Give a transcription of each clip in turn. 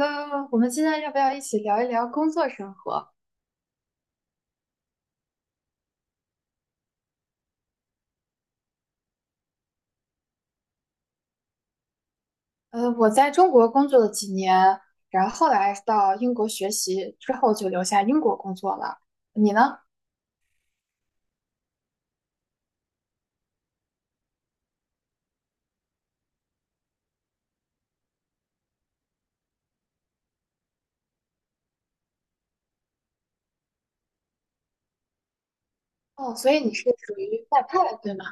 我们今天要不要一起聊一聊工作生活？我在中国工作了几年，然后后来到英国学习之后就留下英国工作了。你呢？哦，所以你是属于外派，对吗？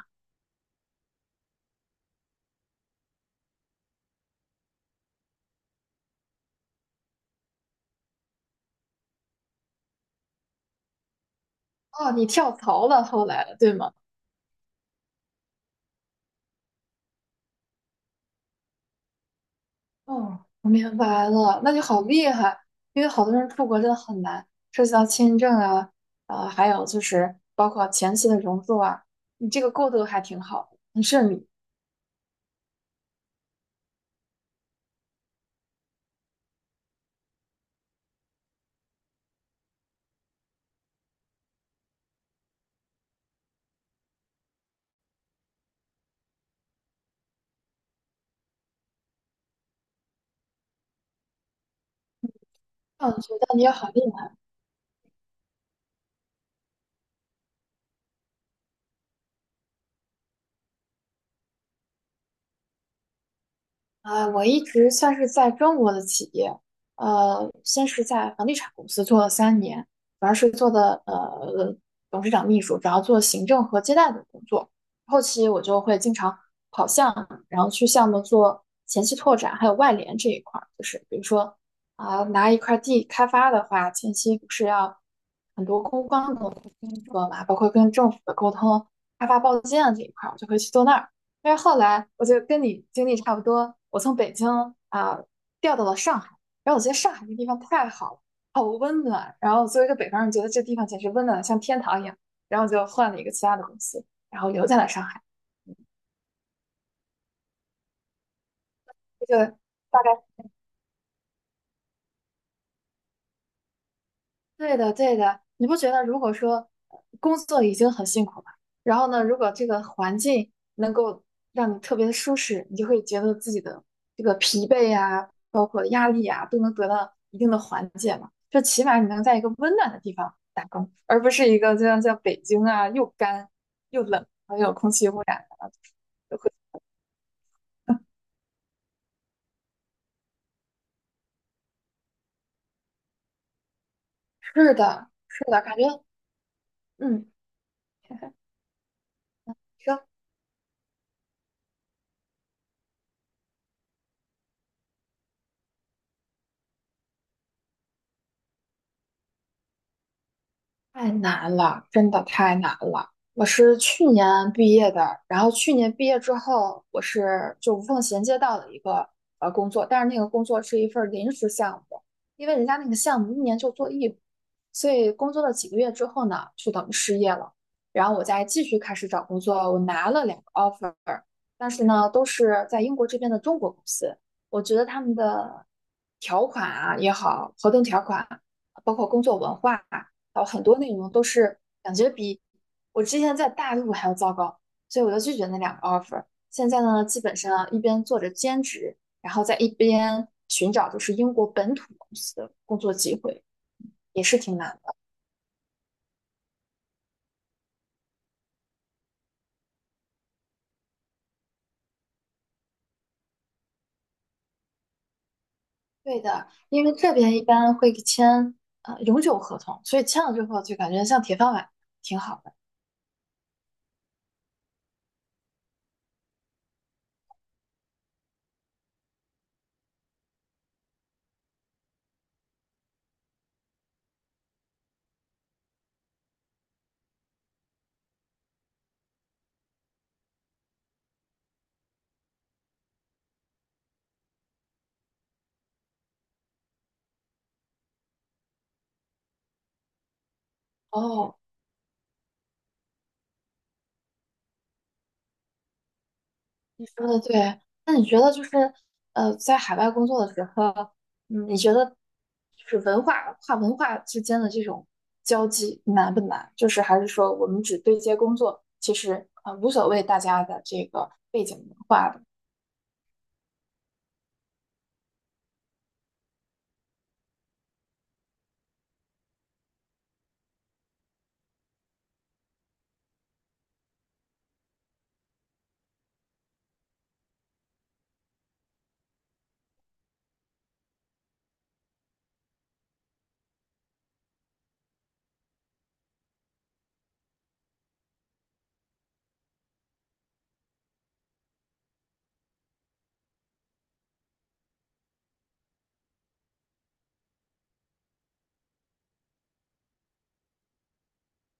哦，你跳槽了，后来对吗？哦，我明白了，那就好厉害，因为好多人出国真的很难，涉及到签证啊，还有就是包括前期的融入啊，你这个过渡还挺好的，很顺利。嗯，觉得你也好厉害。我一直算是在中国的企业，先是在房地产公司做了三年，主要是做的董事长秘书，主要做行政和接待的工作。后期我就会经常跑项目，然后去项目做前期拓展，还有外联这一块儿，就是比如说拿一块地开发的话，前期不是要很多公关的工作嘛，包括跟政府的沟通、开发报建这一块儿，我就会去做那儿。但是后来我就跟你经历差不多，我从北京啊、调到了上海，然后我觉得上海这地方太好了，好温暖。然后作为一个北方人，觉得这地方简直温暖的像天堂一样。然后就换了一个其他的公司，然后留在了上海。这个对的，对的，你不觉得如果说工作已经很辛苦了，然后呢，如果这个环境能够让你特别的舒适，你就会觉得自己的这个疲惫啊，包括压力啊，都能得到一定的缓解嘛。就起码你能在一个温暖的地方打工，而不是一个就像在北京啊，又干又冷，还有空气污染的。是的，是的，感觉嗯，说。太难了，真的太难了。我是去年毕业的，然后去年毕业之后，我是就无缝衔接到了一个工作，但是那个工作是一份儿临时项目，因为人家那个项目一年就做一回，所以工作了几个月之后呢，就等于失业了。然后我再继续开始找工作，我拿了两个 offer，但是呢，都是在英国这边的中国公司，我觉得他们的条款啊也好，合同条款啊，包括工作文化。好，很多内容都是感觉比我之前在大陆还要糟糕，所以我就拒绝那两个 offer。现在呢，基本上一边做着兼职，然后在一边寻找就是英国本土公司的工作机会，也是挺难的。对的，因为这边一般会签永久合同，所以签了之后就感觉像铁饭碗，挺好的。哦，你说的对，那你觉得就是在海外工作的时候，嗯，你觉得就是跨文化之间的这种交际难不难？就是还是说我们只对接工作，其实无所谓大家的这个背景文化的。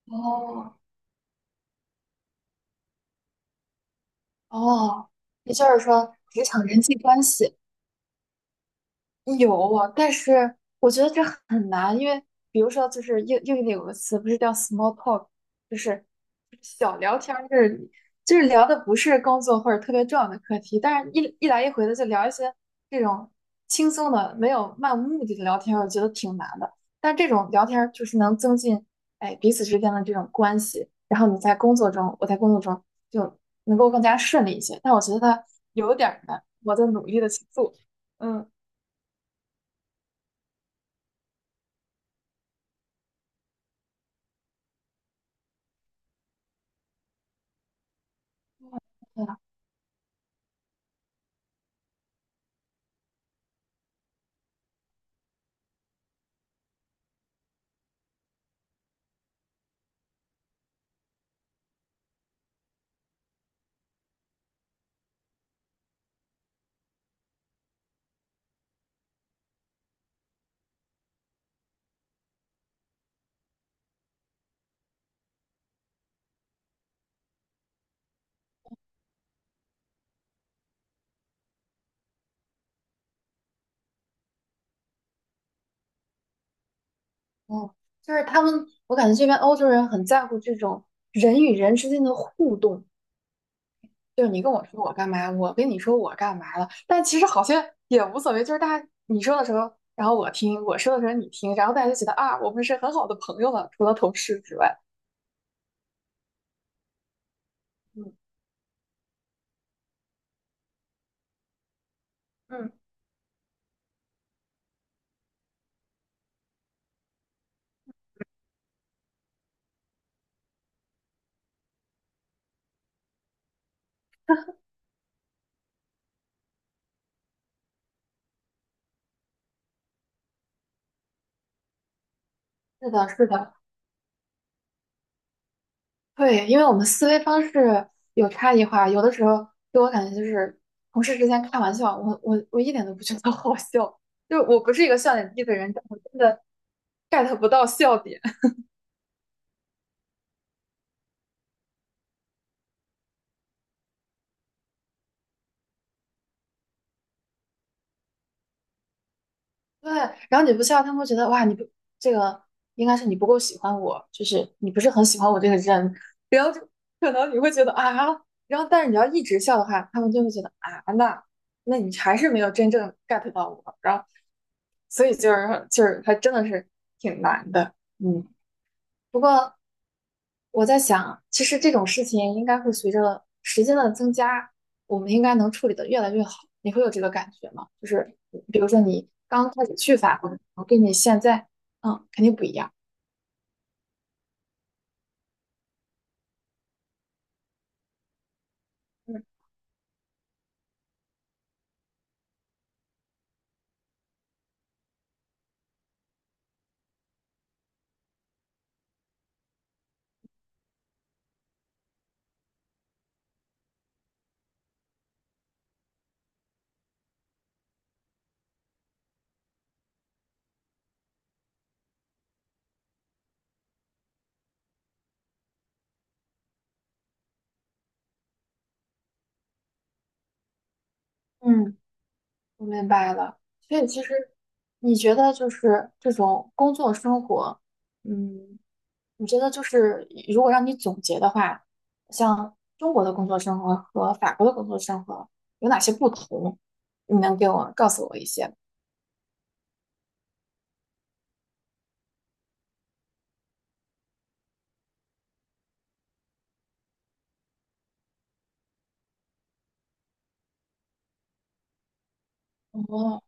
哦，哦，也就是说职场人际关系有啊，但是我觉得这很难，因为比如说，就是英语里有个词不是叫 small talk，就是小聊天儿，就是聊的不是工作或者特别重要的课题，但是一来一回的就聊一些这种轻松的、没有漫无目的的聊天儿，我觉得挺难的。但这种聊天儿就是能增进哎彼此之间的这种关系，然后你在工作中，我在工作中就能够更加顺利一些。但我觉得它有点儿难，我在努力的去做。嗯。对啊，哦，就是他们，我感觉这边欧洲人很在乎这种人与人之间的互动，就是你跟我说我干嘛，我跟你说我干嘛了，但其实好像也无所谓，就是大家你说的时候，然后我听，我说的时候你听，然后大家就觉得啊，我们是很好的朋友了，除了同事之外。嗯嗯，是的，是的。对，因为我们思维方式有差异化，有的时候给我感觉就是同事之间开玩笑，我一点都不觉得 好笑，就我不是一个笑点低的人，但我真的 get 不到笑点。对，然后你不笑，他们会觉得哇，你不这个应该是你不够喜欢我，就是你不是很喜欢我这个人，可能你会觉得啊，然后但是你要一直笑的话，他们就会觉得啊，那你还是没有真正 get 到我，然后所以就是还真的是挺难的，嗯。不过我在想，其实这种事情应该会随着时间的增加，我们应该能处理的越来越好。你会有这个感觉吗？就是比如说你刚开始去法国，跟你现在，嗯，肯定不一样。嗯嗯。我明白了，所以其实你觉得就是这种工作生活，嗯，你觉得就是如果让你总结的话，像中国的工作生活和法国的工作生活有哪些不同？你能给我告诉我一些吗？哦。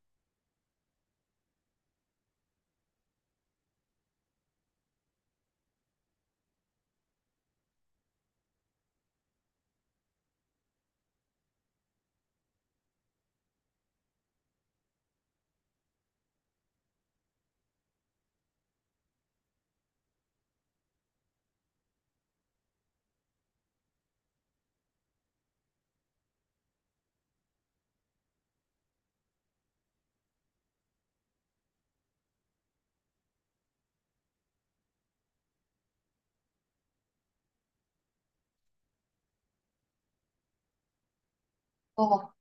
哦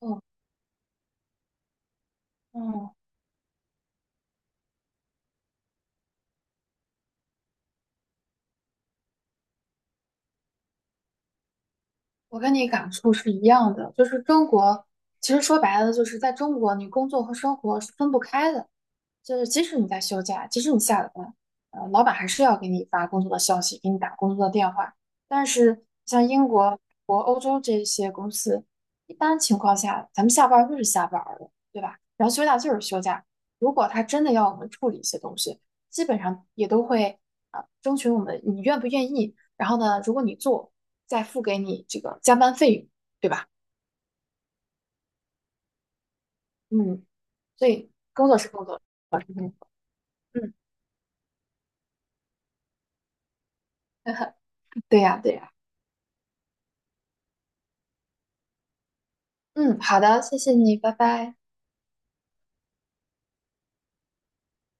哦嗯，哦，我跟你感触是一样的，就是中国，其实说白了，就是在中国，你工作和生活是分不开的。就是即使你在休假，即使你下了班，老板还是要给你发工作的消息，给你打工作的电话。但是像英国、国、欧洲这些公司，一般情况下，咱们下班儿就是下班儿了，对吧？然后休假就是休假。如果他真的要我们处理一些东西，基本上也都会征询我们你愿不愿意，然后呢，如果你做，再付给你这个加班费用，对吧？嗯，所以工作是工作，嗯，对呀，对呀，嗯，好的，谢谢你，拜拜。